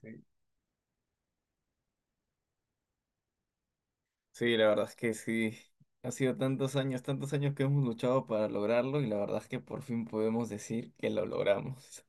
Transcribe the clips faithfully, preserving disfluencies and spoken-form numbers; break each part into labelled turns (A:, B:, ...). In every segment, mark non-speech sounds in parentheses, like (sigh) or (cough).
A: Sí, sí, la verdad es que sí. Ha sido tantos años, tantos años que hemos luchado para lograrlo y la verdad es que por fin podemos decir que lo logramos.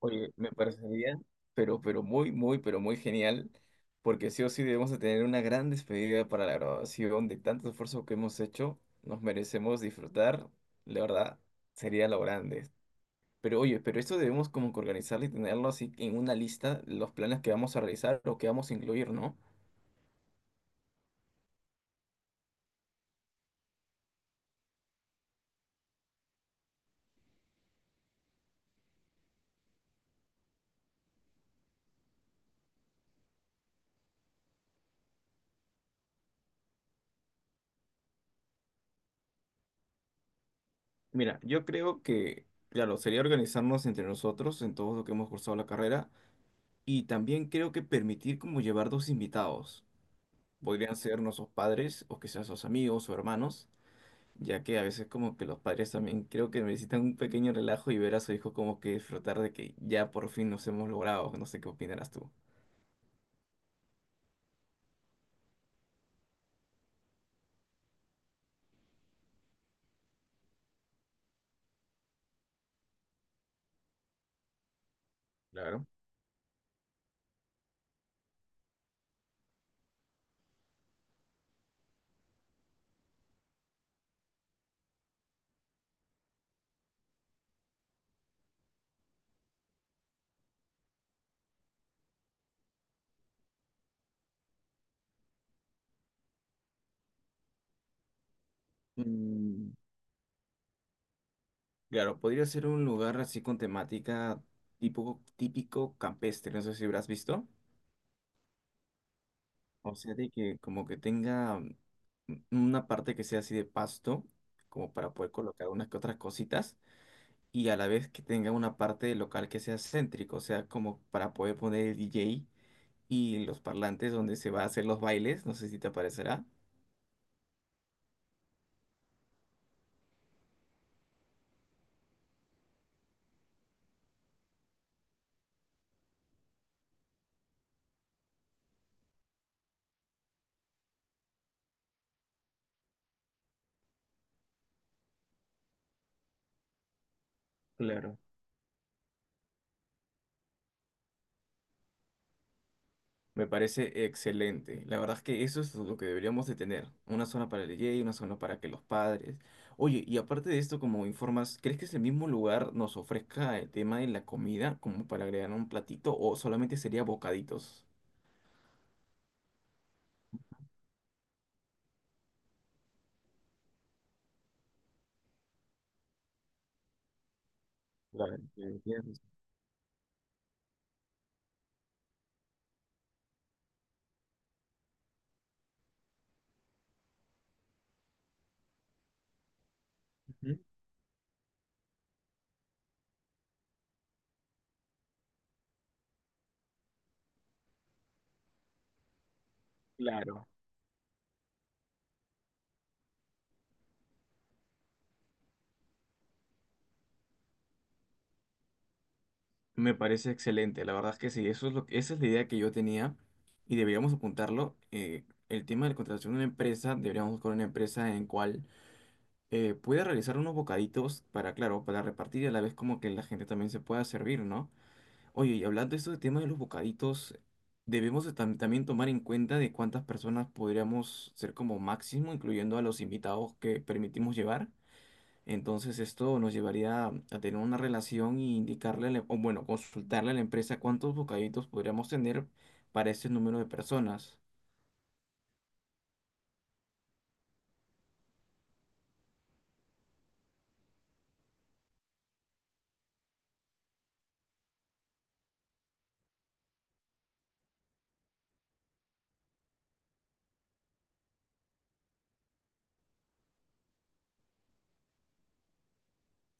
A: Oye, me parecería, pero, pero muy, muy, pero muy genial, porque sí o sí debemos de tener una gran despedida para la graduación de tanto esfuerzo que hemos hecho. Nos merecemos disfrutar, la verdad, sería lo grande. Pero oye, pero esto debemos como que organizarlo y tenerlo así en una lista, los planes que vamos a realizar o que vamos a incluir, ¿no? Mira, yo creo que, claro, sería organizarnos entre nosotros en todo lo que hemos cursado la carrera y también creo que permitir como llevar dos invitados. Podrían ser nuestros padres o quizás sus amigos o hermanos, ya que a veces como que los padres también creo que necesitan un pequeño relajo y ver a su hijo como que disfrutar de que ya por fin nos hemos logrado. No sé qué opinarás tú. Claro. Mm. Claro, podría ser un lugar así con temática tipo típico campestre, no sé si habrás visto. O sea, de que como que tenga mm, una parte que sea así de pasto, como para poder colocar unas que otras cositas, y a la vez que tenga una parte local que sea céntrico, o sea, como para poder poner el D J y los parlantes donde se va a hacer los bailes, no sé si te aparecerá. Claro. Me parece excelente. La verdad es que eso es lo que deberíamos de tener. Una zona para el D J, una zona para que los padres. Oye, y aparte de esto, como informas, ¿crees que ese mismo lugar nos ofrezca el tema de la comida como para agregar un platito o solamente sería bocaditos? Claro, ¿entiendes? Ujú. Claro. Me parece excelente, la verdad es que sí, eso es lo, esa es la idea que yo tenía y deberíamos apuntarlo. Eh, el tema de la contratación de una empresa, deberíamos buscar una empresa en cual eh, puede realizar unos bocaditos para, claro, para repartir y a la vez como que la gente también se pueda servir, ¿no? Oye, y hablando de esto de tema de los bocaditos, debemos de tam- también tomar en cuenta de cuántas personas podríamos ser como máximo, incluyendo a los invitados que permitimos llevar. Entonces esto nos llevaría a tener una relación y indicarle, a la- o bueno, consultarle a la empresa cuántos bocaditos podríamos tener para ese número de personas.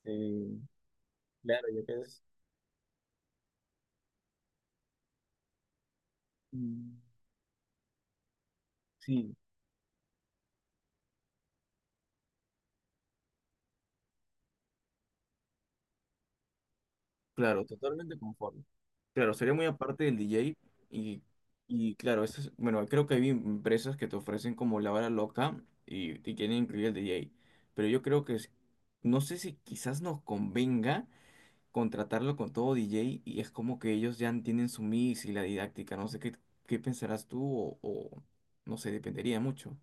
A: Sí, claro, ya que es... mm, Sí, claro, totalmente conforme. Claro, sería muy aparte del D J y, y claro, eso es- bueno, creo que hay empresas que te ofrecen como la hora loca y, te quieren incluir el D J, pero yo creo que es- no sé si quizás nos convenga contratarlo con todo D J y es como que ellos ya tienen su mix y la didáctica, no sé qué, qué pensarás tú o, o no sé, dependería mucho.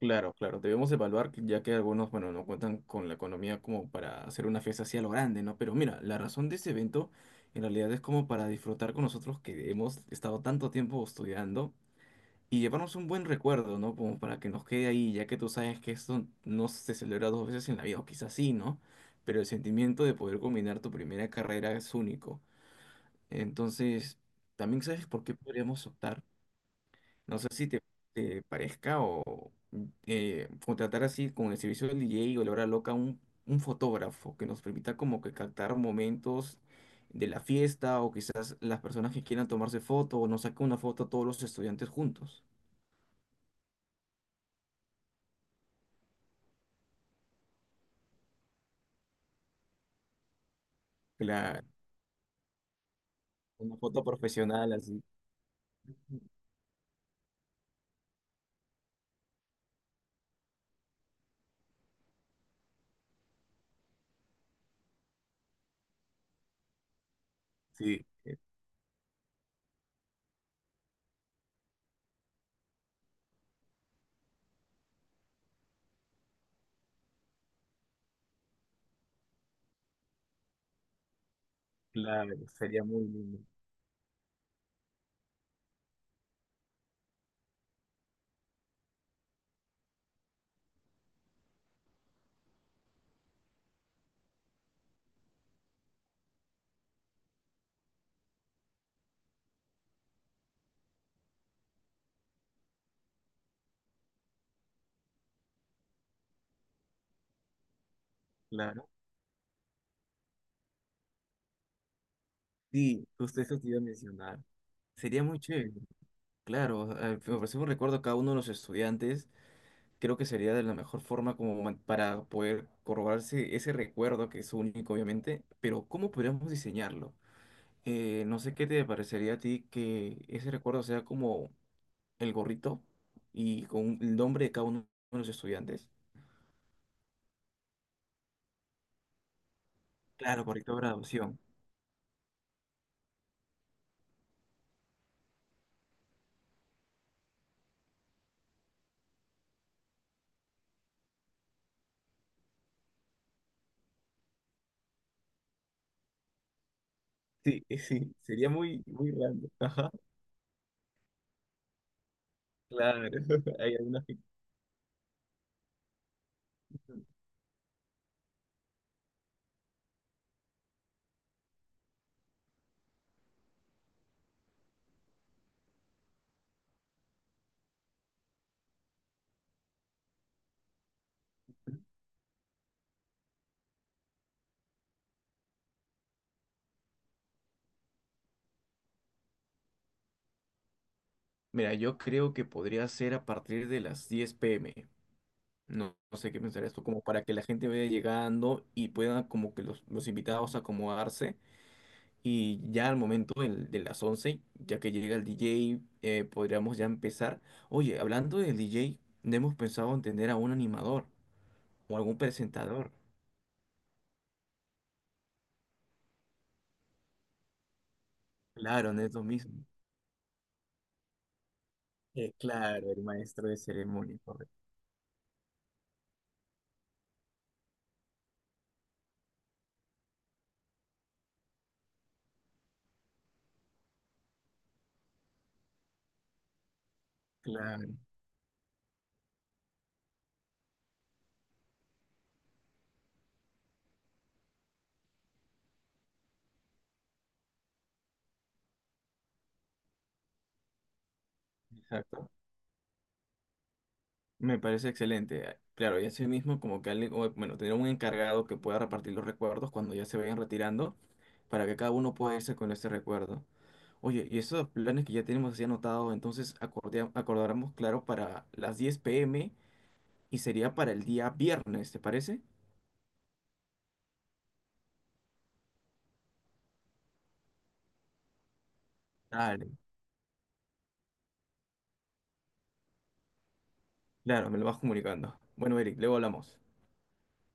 A: Claro, claro, debemos evaluar, que- ya que algunos, bueno, no cuentan con la economía como para hacer una fiesta así a lo grande, ¿no? Pero mira, la razón de ese evento en realidad es como para disfrutar con nosotros que hemos estado tanto tiempo estudiando y llevarnos un buen recuerdo, ¿no? Como para que nos quede ahí, ya que tú sabes que esto no se celebra dos veces en la vida, o quizás sí, ¿no? Pero el sentimiento de poder combinar tu primera carrera es único. Entonces, también sabes por qué podríamos optar. No sé si te, te parezca o eh, contratar así con el servicio del D J o la hora loca un, un fotógrafo que nos permita como que captar momentos de la fiesta o quizás las personas que quieran tomarse foto o nos saque una foto a todos los estudiantes juntos. Claro, una foto profesional así. Sí, claro, sería muy lindo, claro. Sí, justo eso te iba a mencionar. Sería muy chévere, claro, eh, ofrecer un recuerdo a cada uno de los estudiantes creo que sería de la mejor forma como man- para poder corroborarse ese recuerdo que es único, obviamente, pero ¿cómo podríamos diseñarlo? Eh, no sé qué te parecería a ti que ese recuerdo sea como el gorrito y con un- el nombre de cada uno de los estudiantes. Claro, gorrito de graduación. Sí, (laughs) eh, sí, sería muy, muy grande. Ajá, claro. (laughs) Hay algunas que- Mira, yo creo que podría ser a partir de las diez p m. No, no sé qué pensar esto, como para que la gente vaya llegando y pueda como que los, los invitados acomodarse y ya al momento del- de las once ya que llega el D J, eh, podríamos ya empezar. Oye, hablando del D J, no hemos pensado en tener a un animador o algún presentador. Claro, no es lo mismo. Eh, claro, el maestro de ceremonia, correcto. Claro, exacto. Me parece excelente. Claro, y así mismo como que alguien, o, bueno, tener un encargado que pueda repartir los recuerdos cuando ya se vayan retirando, para que cada uno pueda irse con ese recuerdo. Oye, y esos planes que ya tenemos así anotados, entonces acordea- acordáramos, claro, para las diez p m y sería para el día viernes, ¿te parece? Dale, claro, me lo vas comunicando. Bueno, Eric, luego hablamos.